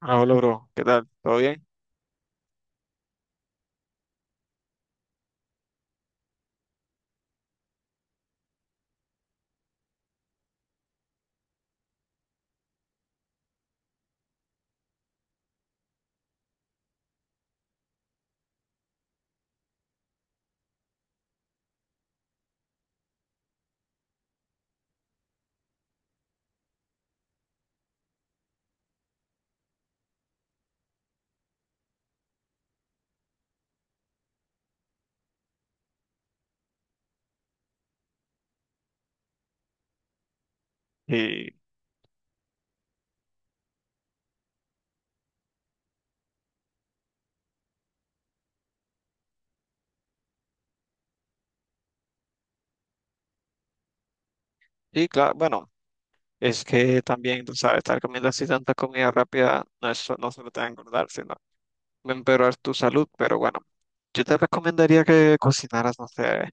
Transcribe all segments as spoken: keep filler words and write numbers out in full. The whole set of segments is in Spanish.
Ah, hola, bro. ¿Qué tal? ¿Todo bien? Y sí, claro, bueno, es que también, tú sabes, estar comiendo así tanta comida rápida no, es, so- no solo te va a engordar, sino va a empeorar tu salud. Pero bueno, yo te recomendaría que cocinaras, no sé,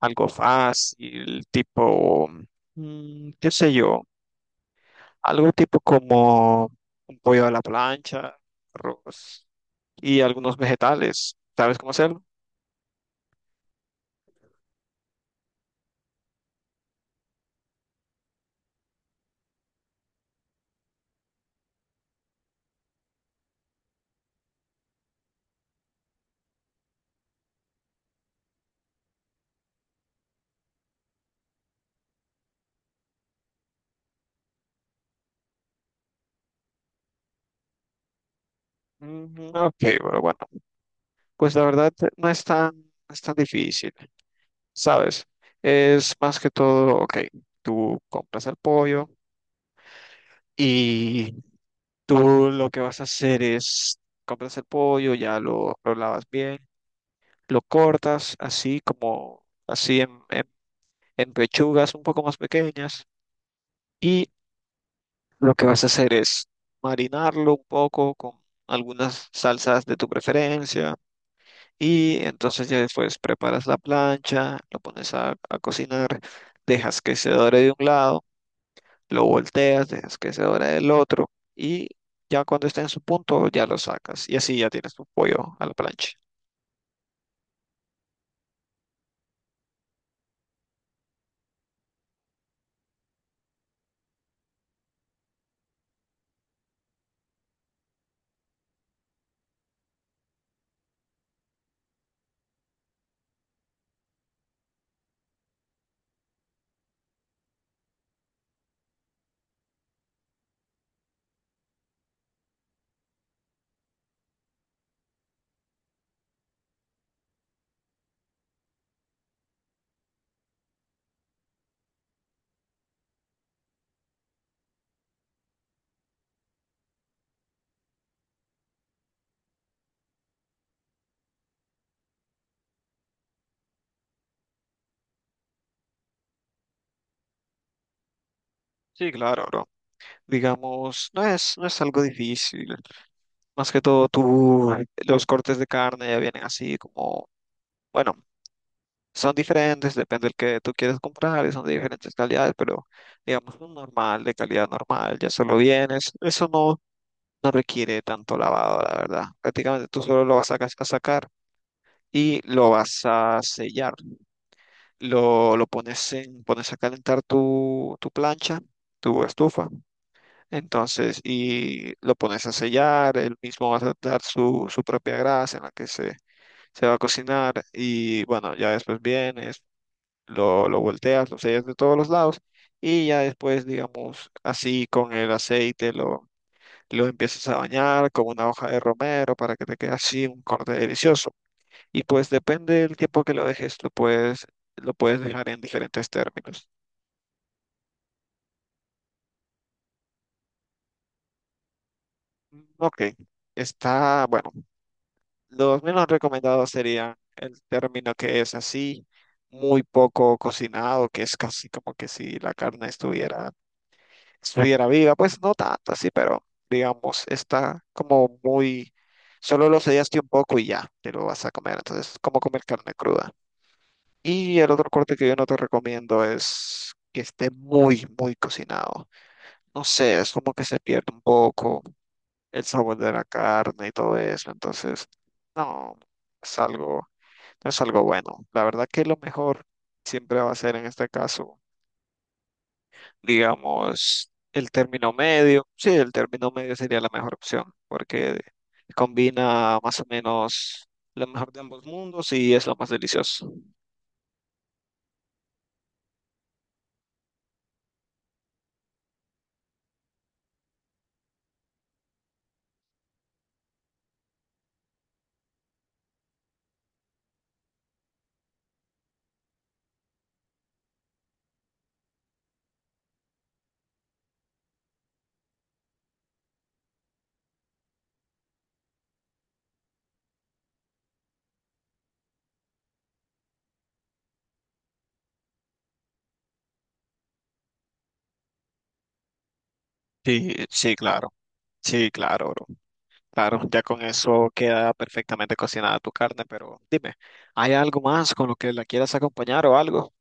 algo fácil, tipo, mm, qué sé yo, algo tipo como un pollo a la plancha, arroz y algunos vegetales. ¿Sabes cómo hacerlo? Ujú. Ok, pero bueno, pues la verdad eh, no es tan, no es tan difícil. ¿Sabes? Es más que todo, ok, tú compras el pollo y tú lo que vas a hacer es, compras el pollo, ya lo, lo lavas bien, lo cortas así como, así en, en, en pechugas un poco más pequeñas y lo que vas a hacer es marinarlo un poco con algunas salsas de tu preferencia. Y entonces ya después preparas la plancha, lo pones a a cocinar, dejas que se dore de un lado, lo volteas, dejas que se dore el otro y ya cuando esté en su punto ya lo sacas y así ya tienes tu pollo a la plancha. Sí, claro, bro. Digamos, no es, no es algo difícil. Más que todo, tú, los cortes de carne ya vienen así como, bueno, son diferentes, depende del que tú quieres comprar, y son de diferentes calidades, pero digamos, un normal, de calidad normal, ya solo vienes. Eso no, no requiere tanto lavado, la verdad. Prácticamente tú solo lo vas a, ca- a sacar y lo vas a sellar. Lo, lo pones en, pones a calentar tu, tu plancha, tu estufa, entonces, y lo pones a sellar, él mismo va a dar su, su propia grasa en la que se, se va a cocinar, y bueno, ya después vienes, lo, lo volteas, lo sellas de todos los lados, y ya después, digamos, así con el aceite lo... Lo empiezas a bañar con una hoja de romero para que te quede así un corte delicioso. Y pues depende del tiempo que lo dejes, lo puedes, lo puedes dejar en diferentes términos. Ok, está, bueno, los menos recomendados serían el término que es así, muy poco cocinado, que es casi como que si la carne estuviera, estuviera viva, pues no tanto así, pero digamos, está como muy, solo lo sellaste un poco y ya, te lo vas a comer, entonces es como comer carne cruda. Y el otro corte que yo no te recomiendo es que esté muy, muy cocinado. No sé, es como que se pierde un poco el sabor de la carne y todo eso. Entonces, no, es algo, no es algo bueno. La verdad que lo mejor siempre va a ser en este caso, digamos, el término medio. Sí, el término medio sería la mejor opción porque combina más o menos lo mejor de ambos mundos y es lo más delicioso. Sí, sí, claro. Sí, claro, bro. Claro, ya con eso queda perfectamente cocinada tu carne, pero dime, ¿hay algo más con lo que la quieras acompañar o algo?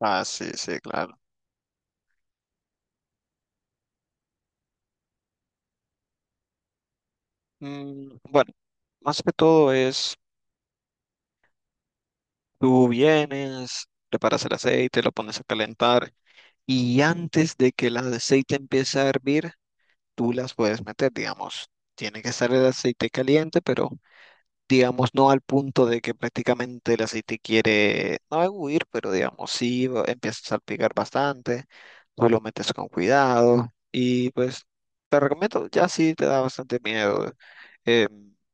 Ah, sí, sí, claro. Mm, bueno, más que todo es, tú vienes, preparas el aceite, lo pones a calentar y antes de que el aceite empiece a hervir, tú las puedes meter, digamos. Tiene que estar el aceite caliente, pero digamos, no al punto de que prácticamente el aceite quiere, no huir, pero digamos, sí va- empieza a salpicar bastante, tú lo metes con cuidado y pues te recomiendo, ya sí te da bastante miedo, eh,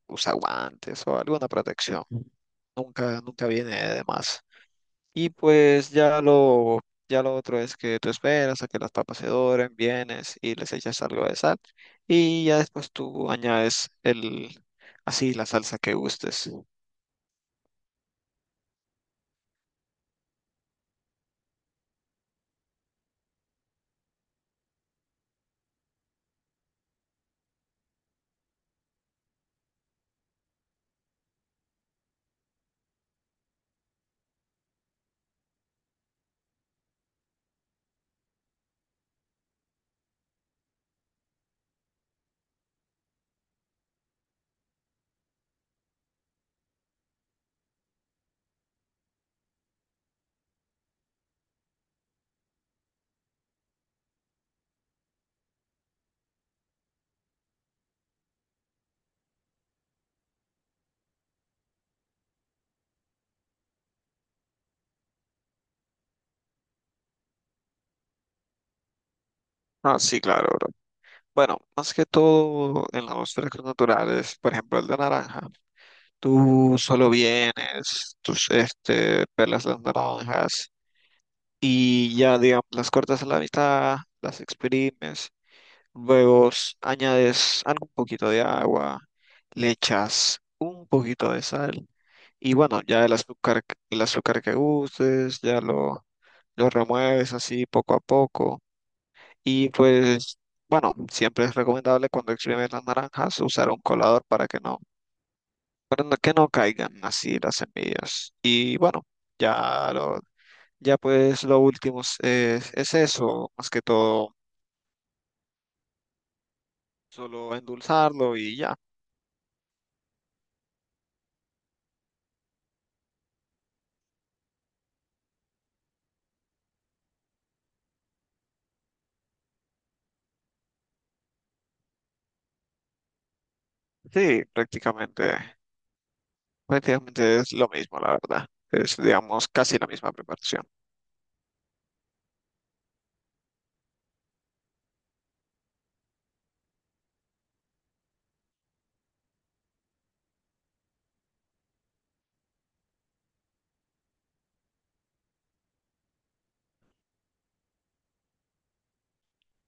usa guantes o alguna protección, nunca, nunca viene de más. Y pues ya lo, ya lo otro es que tú esperas a que las papas se doren, vienes y les echas algo de sal y ya después tú añades el, así la salsa que gustes. Ah, sí, claro, bro. Bueno, más que todo en los frescos naturales, por ejemplo, el de naranja. Tú solo vienes, tus, este, pelas las naranjas y ya, digamos, las cortas a la mitad, las exprimes, luego s- añades algún poquito de agua, le echas un poquito de sal y bueno, ya el azúcar, el azúcar que gustes, ya lo, lo remueves así poco a poco y pues, bueno, siempre es recomendable cuando exprimes las naranjas usar un colador para que no, para no- que no caigan así las semillas. Y bueno, ya lo, ya pues lo último es, es es eso, más que todo, solo endulzarlo y ya. Sí, prácticamente, prácticamente es lo mismo, la verdad. Es, digamos, casi la misma preparación.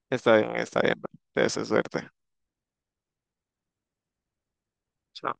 Está bien, está bien. Te suerte. Chao.